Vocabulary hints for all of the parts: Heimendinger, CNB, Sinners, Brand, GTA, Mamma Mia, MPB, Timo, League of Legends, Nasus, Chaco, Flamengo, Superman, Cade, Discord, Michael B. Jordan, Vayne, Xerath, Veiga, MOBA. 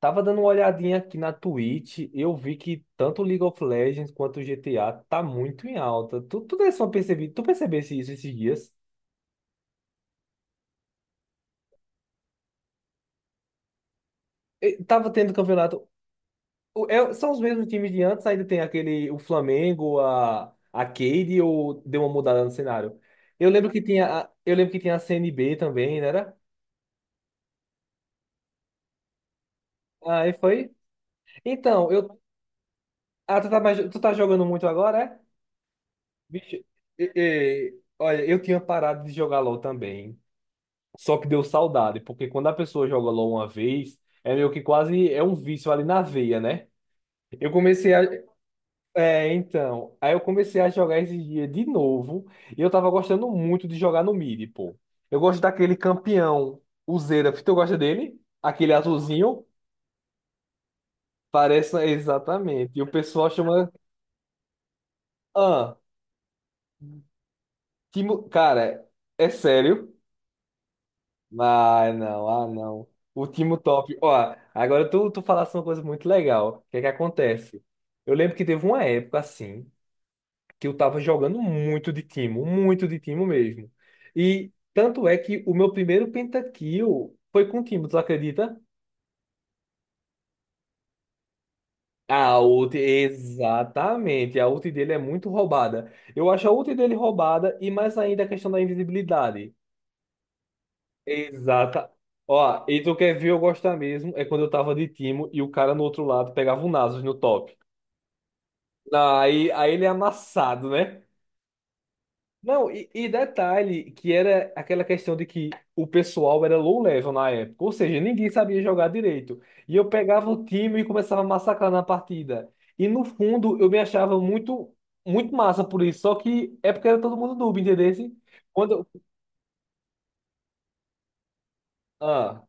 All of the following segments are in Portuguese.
Tava dando uma olhadinha aqui na Twitch, eu vi que tanto League of Legends quanto o GTA tá muito em alta. Tu, tu desse uma percebi, tu percebesse isso esses dias? E tava tendo campeonato. São os mesmos times de antes, ainda tem aquele, o Flamengo, a Cade, ou deu uma mudada no cenário? Eu lembro que tinha a CNB também, não era? Aí foi. Então, eu, ah, tu tá, mais- tu tá jogando muito agora, é? Bicho, olha, eu tinha parado de jogar LoL também. Só que deu saudade, porque quando a pessoa joga LOL uma vez, é meio que quase é um vício ali na veia, né? Eu comecei a. É, então. Aí eu comecei a jogar esses dias de novo. E eu tava gostando muito de jogar no mid, pô. Eu gosto daquele campeão, o Xerath. Tu gosta dele? Aquele azulzinho? Parece exatamente. E o pessoal chama. Ah, Timo... Cara, é sério. Ah, não, ah, não. O time top. Ó, agora tu falaste uma coisa muito legal. O que é que acontece? Eu lembro que teve uma época assim que eu tava jogando muito de timo mesmo. E tanto é que o meu primeiro pentakill foi com o timo, tu acredita? A ult, exatamente. A ult dele é muito roubada. Eu acho a ult dele roubada e mais ainda a questão da invisibilidade. Exata. Ó, e tu quer ver eu gostar mesmo? É quando eu tava de Timo e o cara no outro lado pegava o Nasus no top. Não, aí ele é amassado, né? Não, e detalhe que era aquela questão de que o pessoal era low level na época, ou seja, ninguém sabia jogar direito. E eu pegava o time e começava a massacrar na partida. E no fundo eu me achava muito, muito massa por isso, só que é porque era todo mundo noob, entendeu? Quando, ah.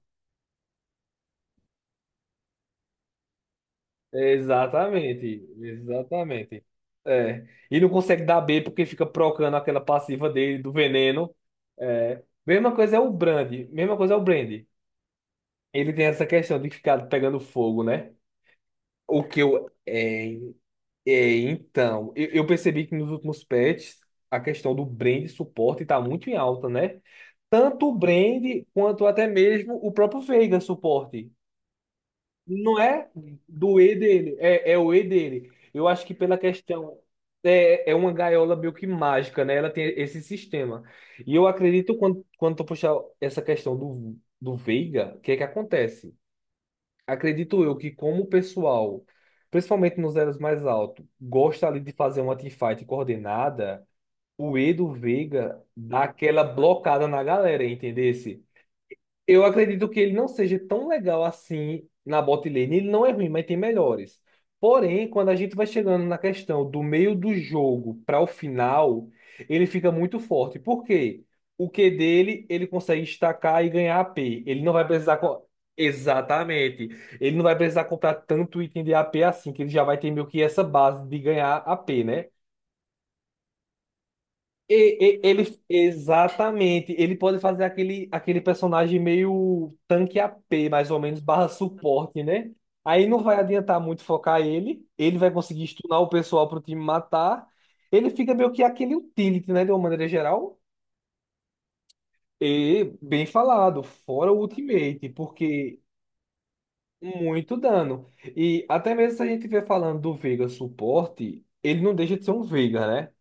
Exatamente, exatamente. É. E não consegue dar B porque fica procando aquela passiva dele do veneno. É. Mesma coisa é o Brand, mesma coisa é o Brand. Ele tem essa questão de ficar pegando fogo, né? O que eu. É, é, então, eu percebi que nos últimos patches a questão do Brand suporte está muito em alta, né? Tanto o Brand quanto até mesmo o próprio Veiga suporte. Não é do E dele, é o E dele. Eu acho que pela questão. É, é uma gaiola meio que mágica, né? Ela tem esse sistema. E eu acredito, quando tu puxar essa questão do Veiga, o que é que acontece? Acredito eu que, como o pessoal, principalmente nos elos mais altos, gosta ali de fazer uma teamfight coordenada, o E do Veiga dá aquela blocada na galera, entendeu? Eu acredito que ele não seja tão legal assim na bot lane. Ele não é ruim, mas tem melhores. Porém, quando a gente vai chegando na questão do meio do jogo para o final, ele fica muito forte. Por quê? O Q dele, ele consegue estacar e ganhar a p. Ele não vai precisar. Co- Exatamente. Ele não vai precisar comprar tanto item de a p assim, que ele já vai ter meio que essa base de ganhar a p, né? Ele, exatamente, ele pode fazer aquele, aquele personagem meio tanque AP, mais ou menos, barra suporte, né? Aí não vai adiantar muito focar ele, ele vai conseguir stunar o pessoal pro time matar. Ele fica meio que aquele utility, né, de uma maneira geral. E, bem falado, fora o ultimate, porque muito dano. E até mesmo se a gente estiver falando do Veiga suporte, ele não deixa de ser um Veiga, né?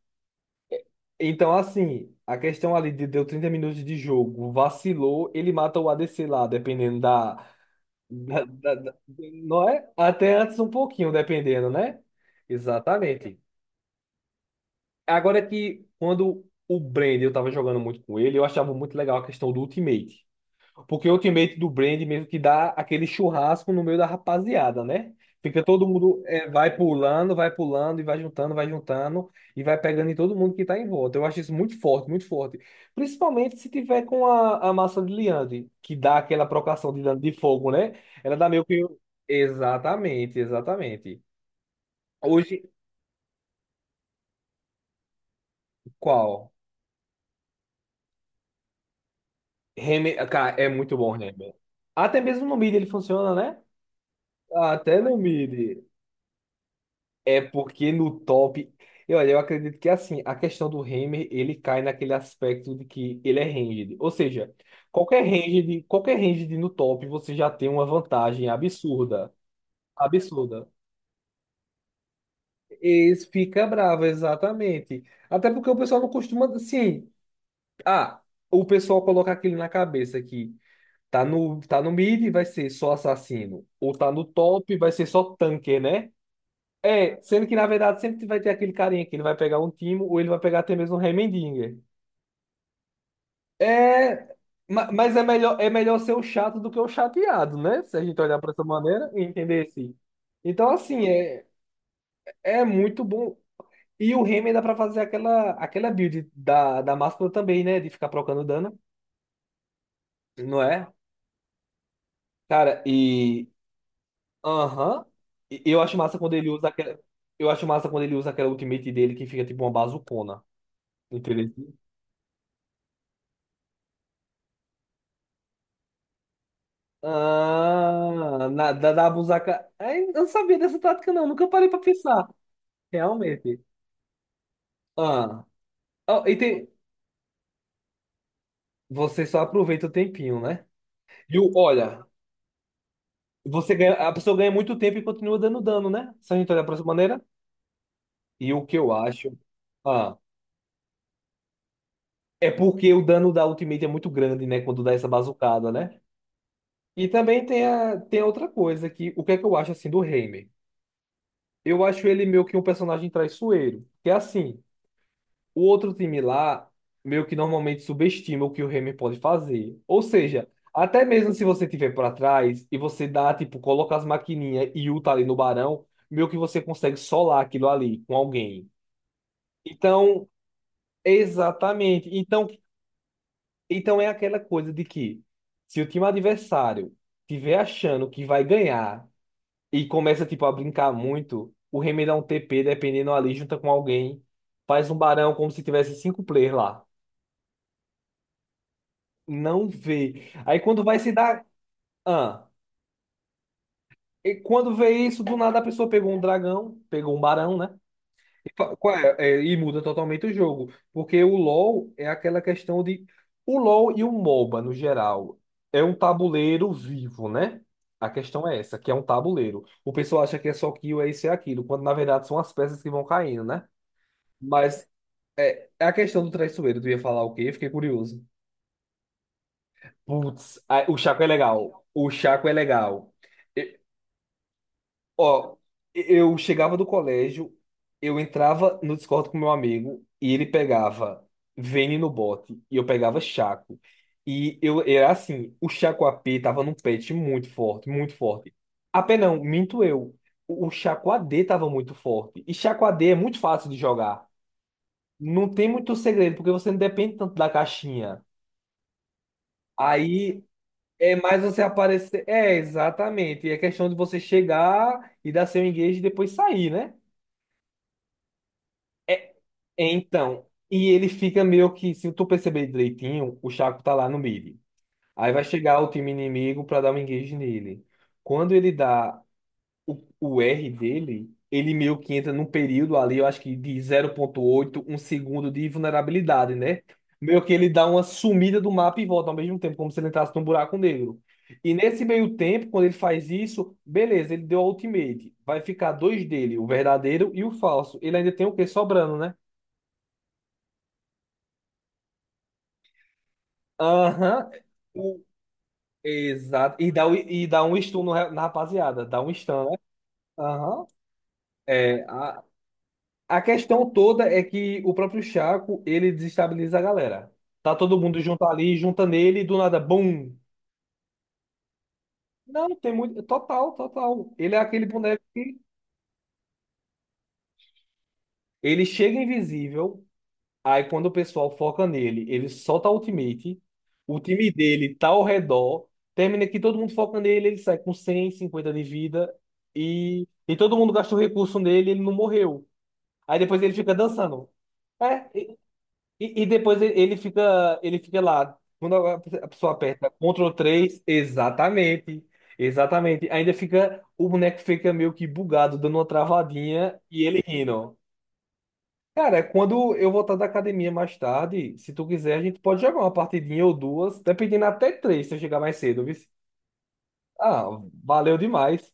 Então, assim, a questão ali de deu 30 minutos de jogo, vacilou, ele mata o ADC lá, dependendo da, da- da- da- não é? Até antes um pouquinho, dependendo, né? Exatamente. Agora é que quando o Brand, eu tava jogando muito com ele, eu achava muito legal a questão do ultimate. Porque o ultimate do Brand mesmo que dá aquele churrasco no meio da rapaziada, né? Fica todo mundo é, vai pulando e vai juntando e vai pegando em todo mundo que tá em volta. Eu acho isso muito forte, muito forte. Principalmente se tiver com a massa de liande, que dá aquela procação de dano de fogo, né? Ela dá meio que. Um Exatamente, exatamente. Hoje, qual? Reme... Cara, é muito bom, o Reme. Até mesmo no mid ele funciona, né? Até no mid. É porque no top. Eu, olha, eu acredito que assim, a questão do Hammer, ele cai naquele aspecto de que ele é ranged. Ou seja, qualquer ranged no top, você já tem uma vantagem absurda. Absurda. Eles fica bravo, exatamente. Até porque o pessoal não costuma. Sim. Ah, o pessoal coloca aquilo na cabeça que tá no, tá no mid, vai ser só assassino. Ou tá no top, vai ser só tanque, né? É, sendo que na verdade sempre vai ter aquele carinha que ele vai pegar um Timo ou ele vai pegar até mesmo um Heimendinger. É, mas é melhor ser o chato do que o chateado, né? Se a gente olhar para essa maneira e entender assim. Então, assim, é, é muito bom. E o Heimer dá pra fazer aquela, aquela build da, da máscara também, né? De ficar trocando dano, não é? Cara, e. Aham. E eu acho massa quando ele usa aquela ultimate dele que fica tipo uma bazucona. Entendeu? Ah, da busaca. Ai, eu não sabia dessa tática, não. Nunca parei pra pensar. Realmente. Ah. Ó, e tem. Você só aproveita o tempinho, né? E o, olha, você ganha, a pessoa ganha muito tempo e continua dando dano, né? Se a gente olhar pra essa maneira. E o que eu acho. Ah, é porque o dano da ultimate é muito grande, né? Quando dá essa bazucada, né? E também tem a outra coisa que o que é que eu acho assim do Heimer? Eu acho ele meio que um personagem traiçoeiro. Que é assim. O outro time lá meio que normalmente subestima o que o Remy pode fazer. Ou seja, até mesmo se você tiver para trás e você dá, tipo, coloca as maquininhas e ulta ali no Barão, meio que você consegue solar aquilo ali com alguém. Então, exatamente. Então, é aquela coisa de que se o time adversário tiver achando que vai ganhar e começa, tipo, a brincar muito, o Remy dá um TP dependendo ali, junta com alguém, faz um Barão como se tivesse cinco players lá. Não vê. Aí quando vai se dar. Ah, e quando vê isso, do nada a pessoa pegou um dragão, pegou um barão, né? E, fa- qual é? É, e muda totalmente o jogo. Porque o LoL é aquela questão de. O LoL e o MOBA, no geral, é um tabuleiro vivo, né? A questão é essa, que é um tabuleiro. O pessoal acha que é só kill, é isso e é aquilo, quando na verdade são as peças que vão caindo, né? Mas é a questão do traiçoeiro. Tu ia falar o quê? Fiquei curioso. Putz, ah, o Chaco é legal. O Chaco é legal. Ó, eu chegava do colégio, eu entrava no Discord com meu amigo e ele pegava Vayne no bote e eu pegava Chaco. E eu era assim, o Chaco a p tava num patch muito forte, muito forte. AP não, minto eu. O Chaco A d tava muito forte. E Chaco a d é muito fácil de jogar. Não tem muito segredo, porque você não depende tanto da caixinha. Aí é mais você aparecer. É, exatamente. E é questão de você chegar e dar seu engage e depois sair, né? É, então, e ele fica meio que, se tu perceber direitinho, o Chaco tá lá no mid. Aí vai chegar o time inimigo pra dar um engage nele. Quando ele dá o R dele, ele meio que entra num período ali, eu acho que de 0,81 segundo de vulnerabilidade, né? Meio que ele dá uma sumida do mapa e volta ao mesmo tempo, como se ele entrasse num buraco negro. E nesse meio tempo, quando ele faz isso, beleza, ele deu a ultimate. Vai ficar dois dele, o verdadeiro e o falso. Ele ainda tem o quê sobrando, né? Aham. O- exato. E dá um stun no ra- na rapaziada. Dá um stun, né? Aham. É, a questão toda é que o próprio Chaco, ele desestabiliza a galera. Tá todo mundo junto ali, junta nele, e do nada, bum! Não, tem muito. Total, total. Ele é aquele boneco que ele chega invisível. Aí quando o pessoal foca nele, ele solta a ultimate, o time dele tá ao redor, termina que todo mundo foca nele, ele sai com 150 de vida e todo mundo gastou recurso nele, ele não morreu. Aí depois ele fica dançando. É, e depois ele fica lá. Quando a pessoa aperta Ctrl três exatamente. Exatamente. Ainda fica, o boneco fica meio que bugado, dando uma travadinha e ele rindo. Cara, é quando eu voltar da academia mais tarde, se tu quiser, a gente pode jogar uma partidinha ou duas, dependendo até três, se eu chegar mais cedo, viu? Ah, valeu demais.